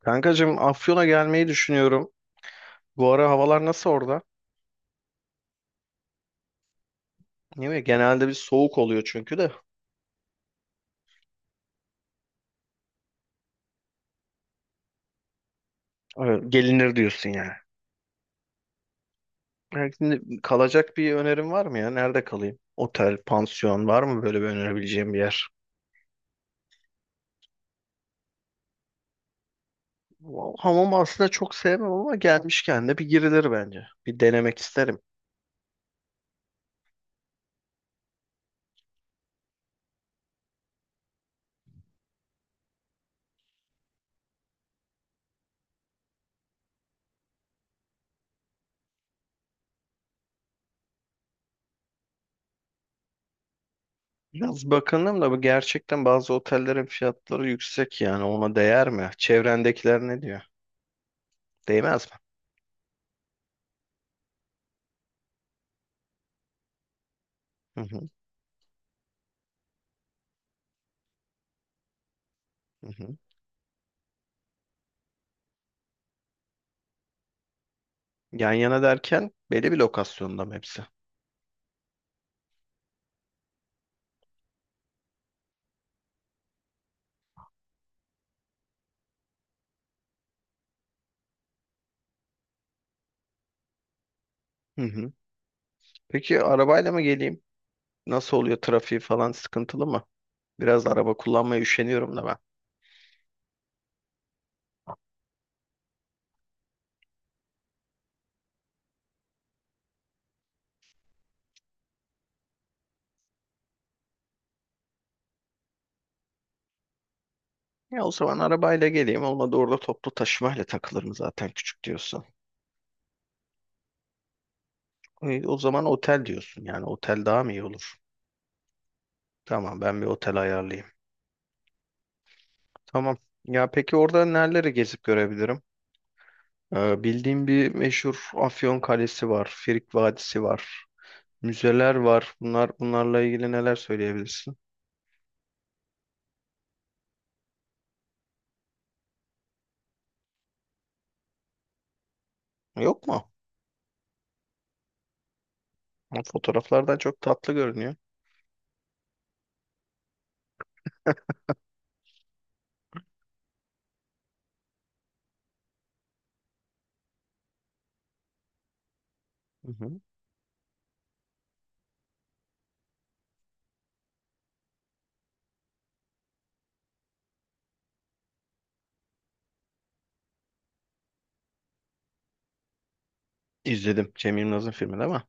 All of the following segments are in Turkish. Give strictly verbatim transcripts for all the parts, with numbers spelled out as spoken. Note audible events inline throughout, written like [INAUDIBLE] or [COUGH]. Kankacığım Afyon'a gelmeyi düşünüyorum. Bu ara havalar nasıl orada? Değil mi? Genelde bir soğuk oluyor çünkü de. Evet, gelinir diyorsun yani. Yani şimdi kalacak bir önerin var mı ya? Nerede kalayım? Otel, pansiyon var mı böyle bir önerebileceğim bir yer? Hamam aslında çok sevmem ama gelmişken de bir girilir bence. Bir denemek isterim. Biraz bakındım da bu gerçekten bazı otellerin fiyatları yüksek, yani ona değer mi? Çevrendekiler ne diyor? Değmez mi? Hı hı, hı hı. Yan yana derken belli bir lokasyonda mı hepsi? Hı hı. Peki arabayla mı geleyim? Nasıl oluyor, trafiği falan sıkıntılı mı? Biraz araba kullanmaya üşeniyorum da ben. Ya o zaman arabayla geleyim. Olmadı orada toplu taşımayla takılırım zaten, küçük diyorsun. E, o zaman otel diyorsun. Yani otel daha mı iyi olur? Tamam, ben bir otel ayarlayayım. Tamam. Ya peki orada nereleri gezip görebilirim? Ee, bildiğim bir meşhur Afyon Kalesi var. Frig Vadisi var. Müzeler var. Bunlar bunlarla ilgili neler söyleyebilirsin? Yok mu? Fotoğraflardan çok tatlı görünüyor. Hı hı. İzledim Cem Yılmaz'ın filmini ama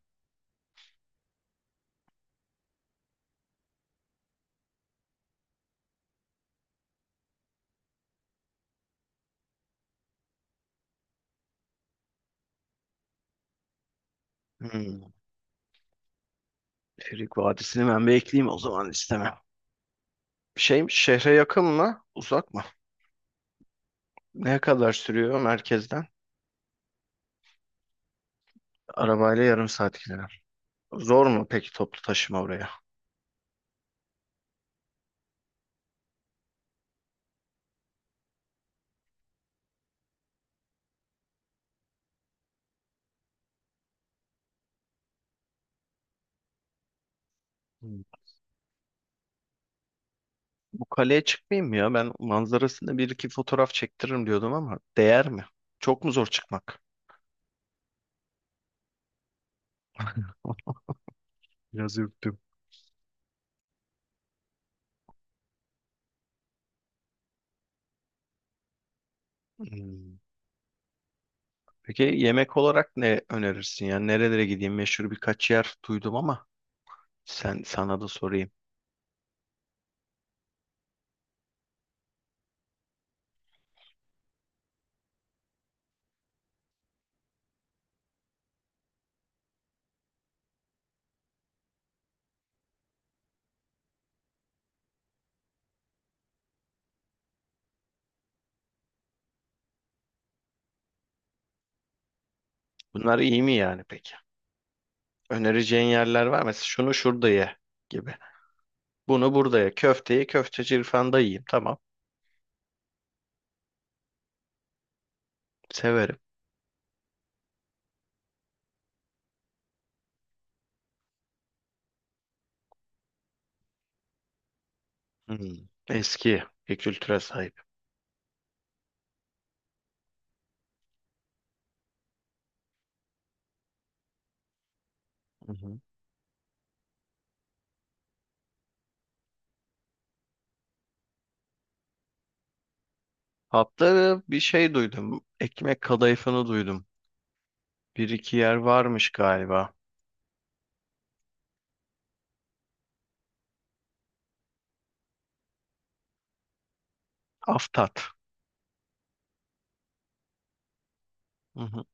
hmm, Frig Vadisi'ni ben bekleyeyim o zaman, istemem. Şey mi, şehre yakın mı uzak mı? Ne kadar sürüyor merkezden? Arabayla yarım saat gider. Zor mu peki toplu taşıma oraya? Hmm. Bu kaleye çıkmayayım mı ya? Ben manzarasında bir iki fotoğraf çektiririm diyordum ama değer mi? Çok mu zor çıkmak? [LAUGHS] Biraz yok. Hmm. Peki yemek olarak ne önerirsin? Yani nerelere gideyim? Meşhur birkaç yer duydum ama sen, sana da sorayım. Bunlar iyi mi yani peki? Önereceğin yerler var mı? Mesela şunu şurada ye gibi. Bunu burada ye. Köfteyi köfteci İrfan'da yiyeyim. Tamam. Severim. Hmm. Eski bir kültüre sahip. Hı hı. Hatta bir şey duydum. Ekmek kadayıfını duydum. Bir iki yer varmış galiba. Aftat. Hı hı.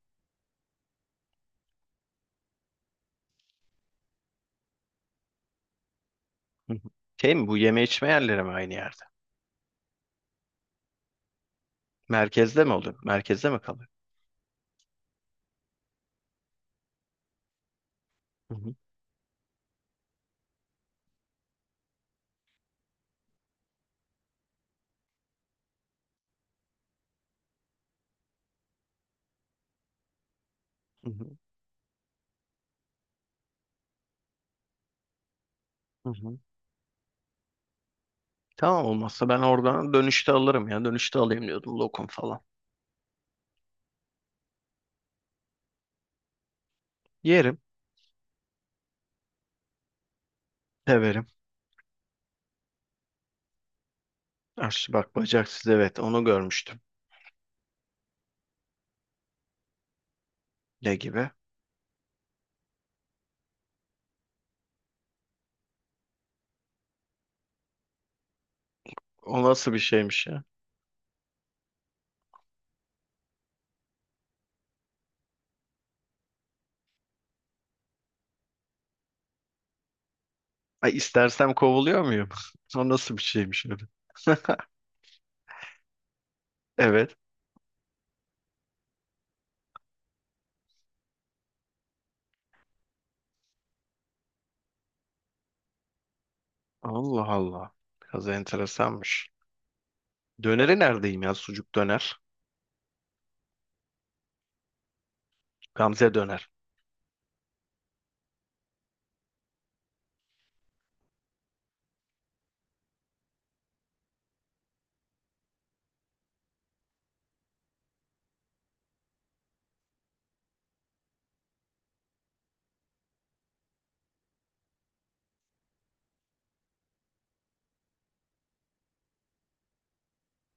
Hı hı. Şey mi, bu yeme içme yerleri mi aynı yerde? Merkezde mi oluyor? Merkezde mi kalıyor? Hı hı, hı hı, hı hı. Tamam, olmazsa ben oradan dönüşte alırım ya. Dönüşte alayım diyordum lokum falan. Yerim, severim. Aşçı bak bacaksız, evet onu görmüştüm. Ne gibi? O nasıl bir şeymiş ya? Ay, istersem kovuluyor muyum? [LAUGHS] O nasıl bir şeymiş öyle? Evet. Allah Allah. Biraz enteresanmış. Döneri neredeyim ya? Sucuk döner. Gamze döner.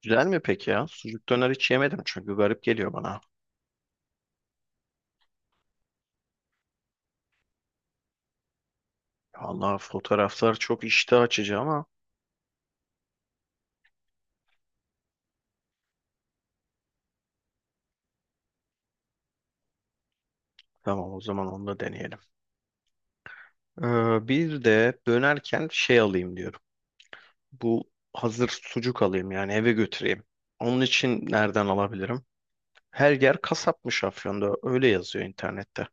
Güzel mi peki ya? Sucuk döner hiç yemedim çünkü garip geliyor bana. Allah, fotoğraflar çok iştah açıcı ama tamam, o zaman onu da deneyelim. Ee, bir de dönerken şey alayım diyorum. Bu hazır sucuk alayım yani, eve götüreyim. Onun için nereden alabilirim? Her yer kasapmış Afyon'da. Öyle yazıyor internette.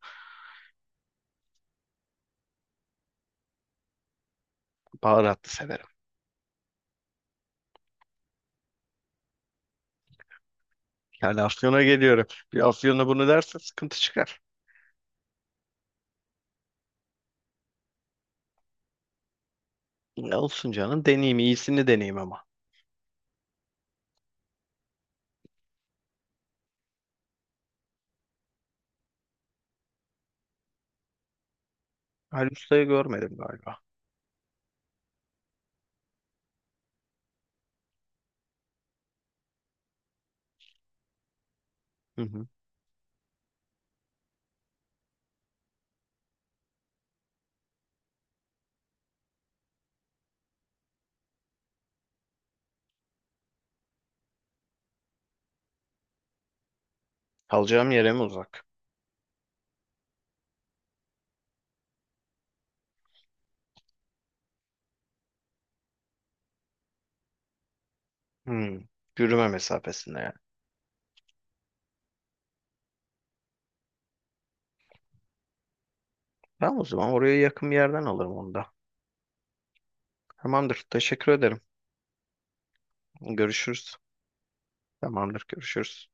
Baharatlı severim. Yani Afyon'a geliyorum. Bir Afyon'a bunu derse sıkıntı çıkar. Ne olsun canım, deneyeyim. İyisini deneyeyim ama. Ali Usta'yı görmedim galiba. Hı hı. Kalacağım yere mi uzak? Hmm. Yürüme mesafesinde yani. Tamam, o zaman oraya yakın bir yerden alırım onu da. Tamamdır. Teşekkür ederim. Görüşürüz. Tamamdır. Görüşürüz.